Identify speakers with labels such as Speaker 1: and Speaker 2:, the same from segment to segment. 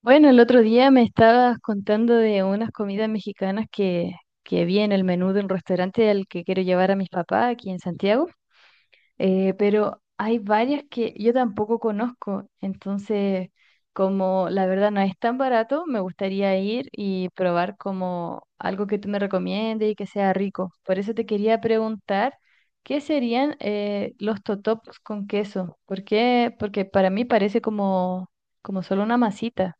Speaker 1: Bueno, el otro día me estabas contando de unas comidas mexicanas que vi en el menú de un restaurante al que quiero llevar a mis papás aquí en Santiago, pero hay varias que yo tampoco conozco, entonces como la verdad no es tan barato, me gustaría ir y probar como algo que tú me recomiendes y que sea rico. Por eso te quería preguntar, ¿qué serían los totopos con queso? ¿Por qué? Porque para mí parece como solo una masita.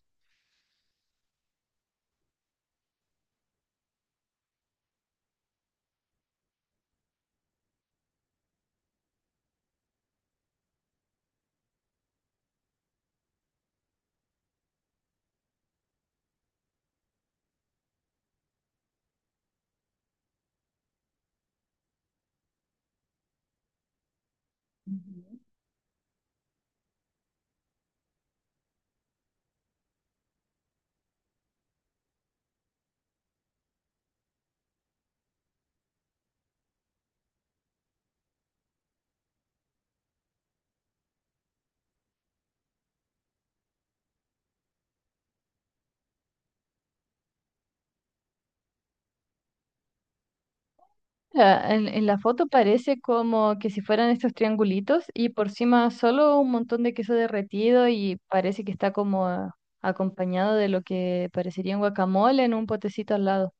Speaker 1: Ah, en la foto parece como que si fueran estos triangulitos y por encima solo un montón de queso derretido y parece que está como ah, acompañado de lo que parecería un guacamole en un potecito al lado.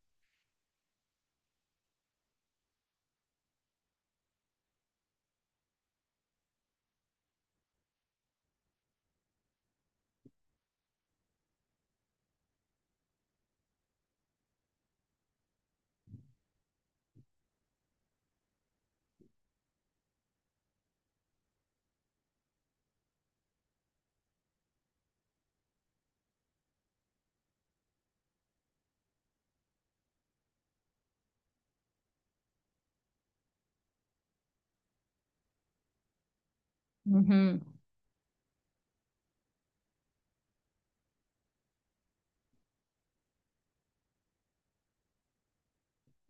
Speaker 1: Ujú,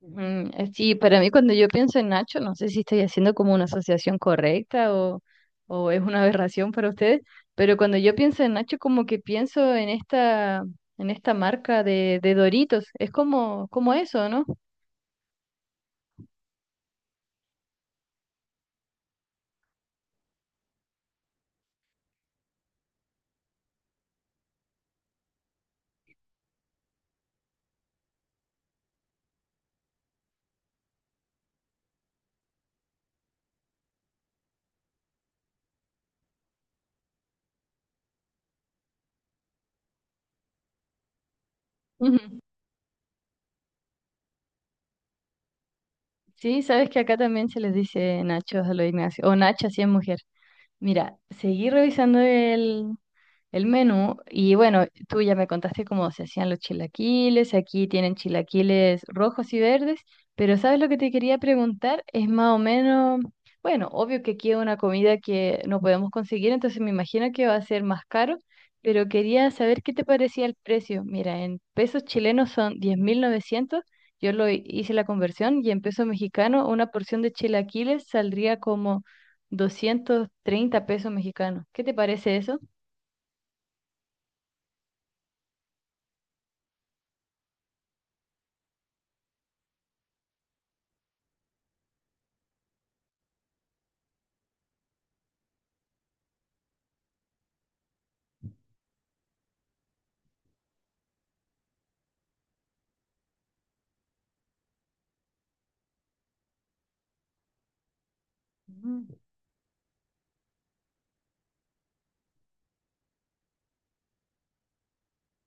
Speaker 1: ujú. Sí, para mí cuando yo pienso en Nacho, no sé si estoy haciendo como una asociación correcta o es una aberración para ustedes, pero cuando yo pienso en Nacho como que pienso en en esta marca de Doritos, es como eso, ¿no? Ujú. Sí, sabes que acá también se les dice Nachos a los Ignacio, o Nacha si es mujer. Mira, seguí revisando el menú. Y bueno, tú ya me contaste cómo se hacían los chilaquiles. Aquí tienen chilaquiles rojos y verdes, pero ¿sabes lo que te quería preguntar? Es más o menos, bueno, obvio que aquí es una comida que no podemos conseguir, entonces me imagino que va a ser más caro, pero quería saber qué te parecía el precio. Mira, en pesos chilenos son 10.900. Yo lo hice la conversión y en pesos mexicanos una porción de chilaquiles saldría como 230 pesos mexicanos. ¿Qué te parece eso?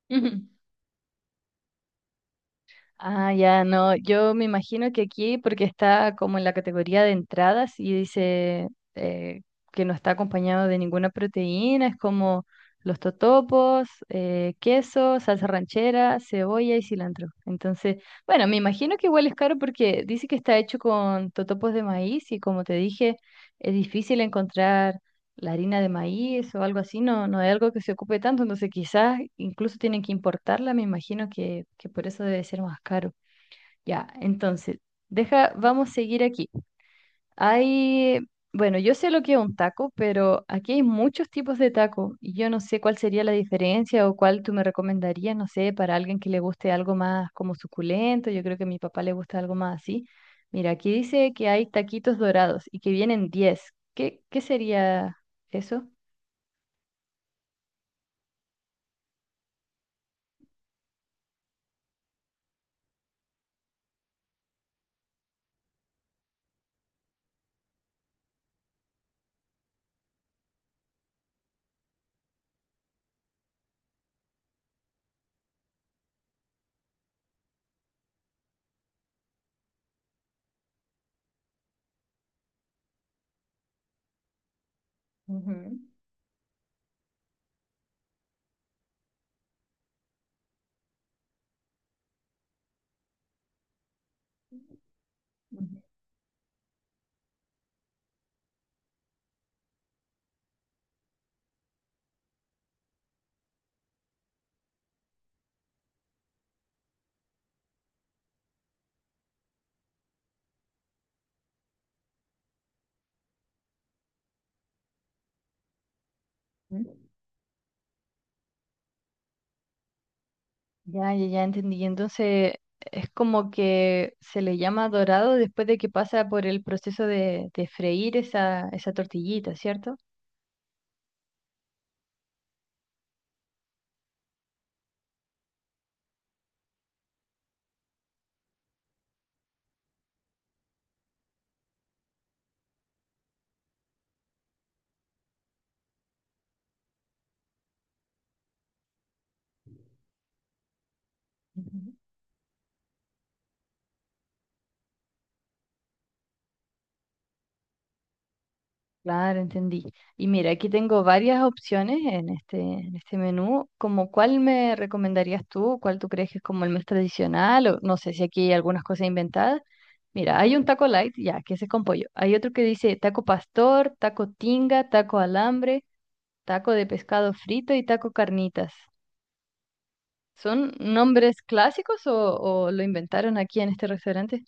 Speaker 1: Ujú. Ah, ya, no, yo me imagino que aquí, porque está como en la categoría de entradas y dice eh, que no está acompañado de ninguna proteína, es como los totopos, queso, salsa ranchera, cebolla y cilantro. Entonces, bueno, me imagino que igual es caro porque dice que está hecho con totopos de maíz y como te dije, es difícil encontrar la harina de maíz o algo así, no, no es algo que se ocupe tanto, entonces quizás incluso tienen que importarla, me imagino que por eso debe ser más caro. Ya, entonces, deja, vamos a seguir aquí. Hay, bueno, yo sé lo que es un taco, pero aquí hay muchos tipos de taco y yo no sé cuál sería la diferencia o cuál tú me recomendarías, no sé, para alguien que le guste algo más como suculento, yo creo que a mi papá le gusta algo más así. Mira, aquí dice que hay taquitos dorados y que vienen 10. ¿Qué sería eso? Ujú, ujú. Ya entendí. Y entonces, es como que se le llama dorado después de que pasa por el proceso de freír esa tortillita, ¿cierto? Ujú. Claro, entendí. Y mira, aquí tengo varias opciones en en este menú. Como, ¿cuál me recomendarías tú? ¿Cuál tú crees que es como el más tradicional? O no sé si aquí hay algunas cosas inventadas. Mira, hay un taco light, ya, que ese es con pollo. Hay otro que dice taco pastor, taco tinga, taco alambre. Taco de pescado frito y taco carnitas. ¿Son nombres clásicos o lo inventaron aquí en este restaurante?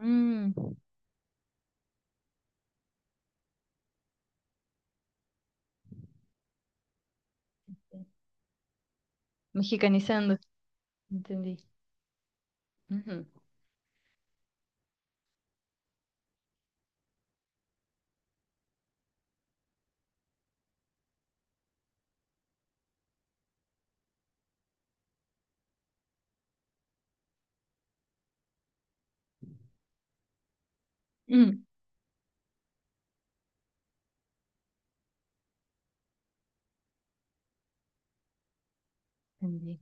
Speaker 1: Mm, mexicanizando. Entendí. Ujú. Mm, entendí.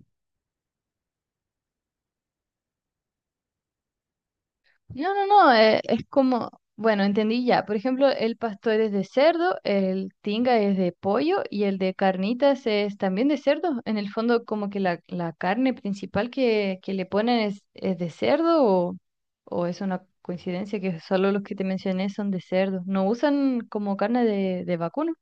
Speaker 1: No, es como, bueno, entendí ya. Por ejemplo, el pastor es de cerdo, el tinga es de pollo y el de carnitas es también de cerdo. En el fondo, como que la carne principal que le ponen es de cerdo o es una coincidencia que solo los que te mencioné son de cerdo. No usan como carne de vacuno.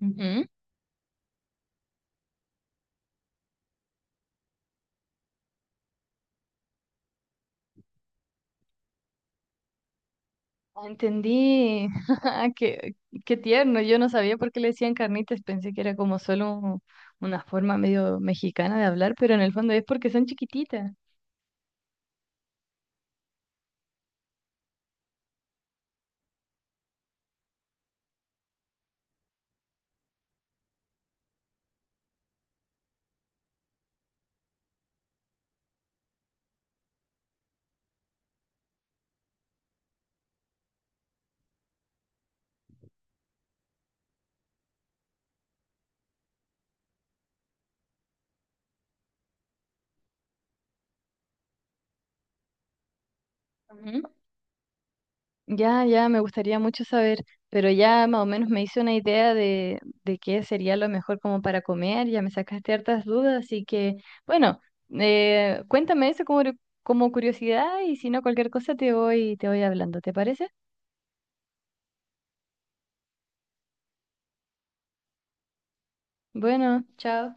Speaker 1: Ujú. Ah, entendí. Ah, qué tierno. Yo no sabía por qué le decían carnitas. Pensé que era como solo un- una forma medio mexicana de hablar, pero en el fondo es porque son chiquititas. Ujú. Ya, ya, me gustaría mucho saber, pero ya más o menos me hice una idea de qué sería lo mejor como para comer. Ya me sacaste hartas dudas, así que, bueno, cuéntame eso como, como curiosidad y si no, cualquier cosa te voy hablando. ¿Te parece? Bueno, chao.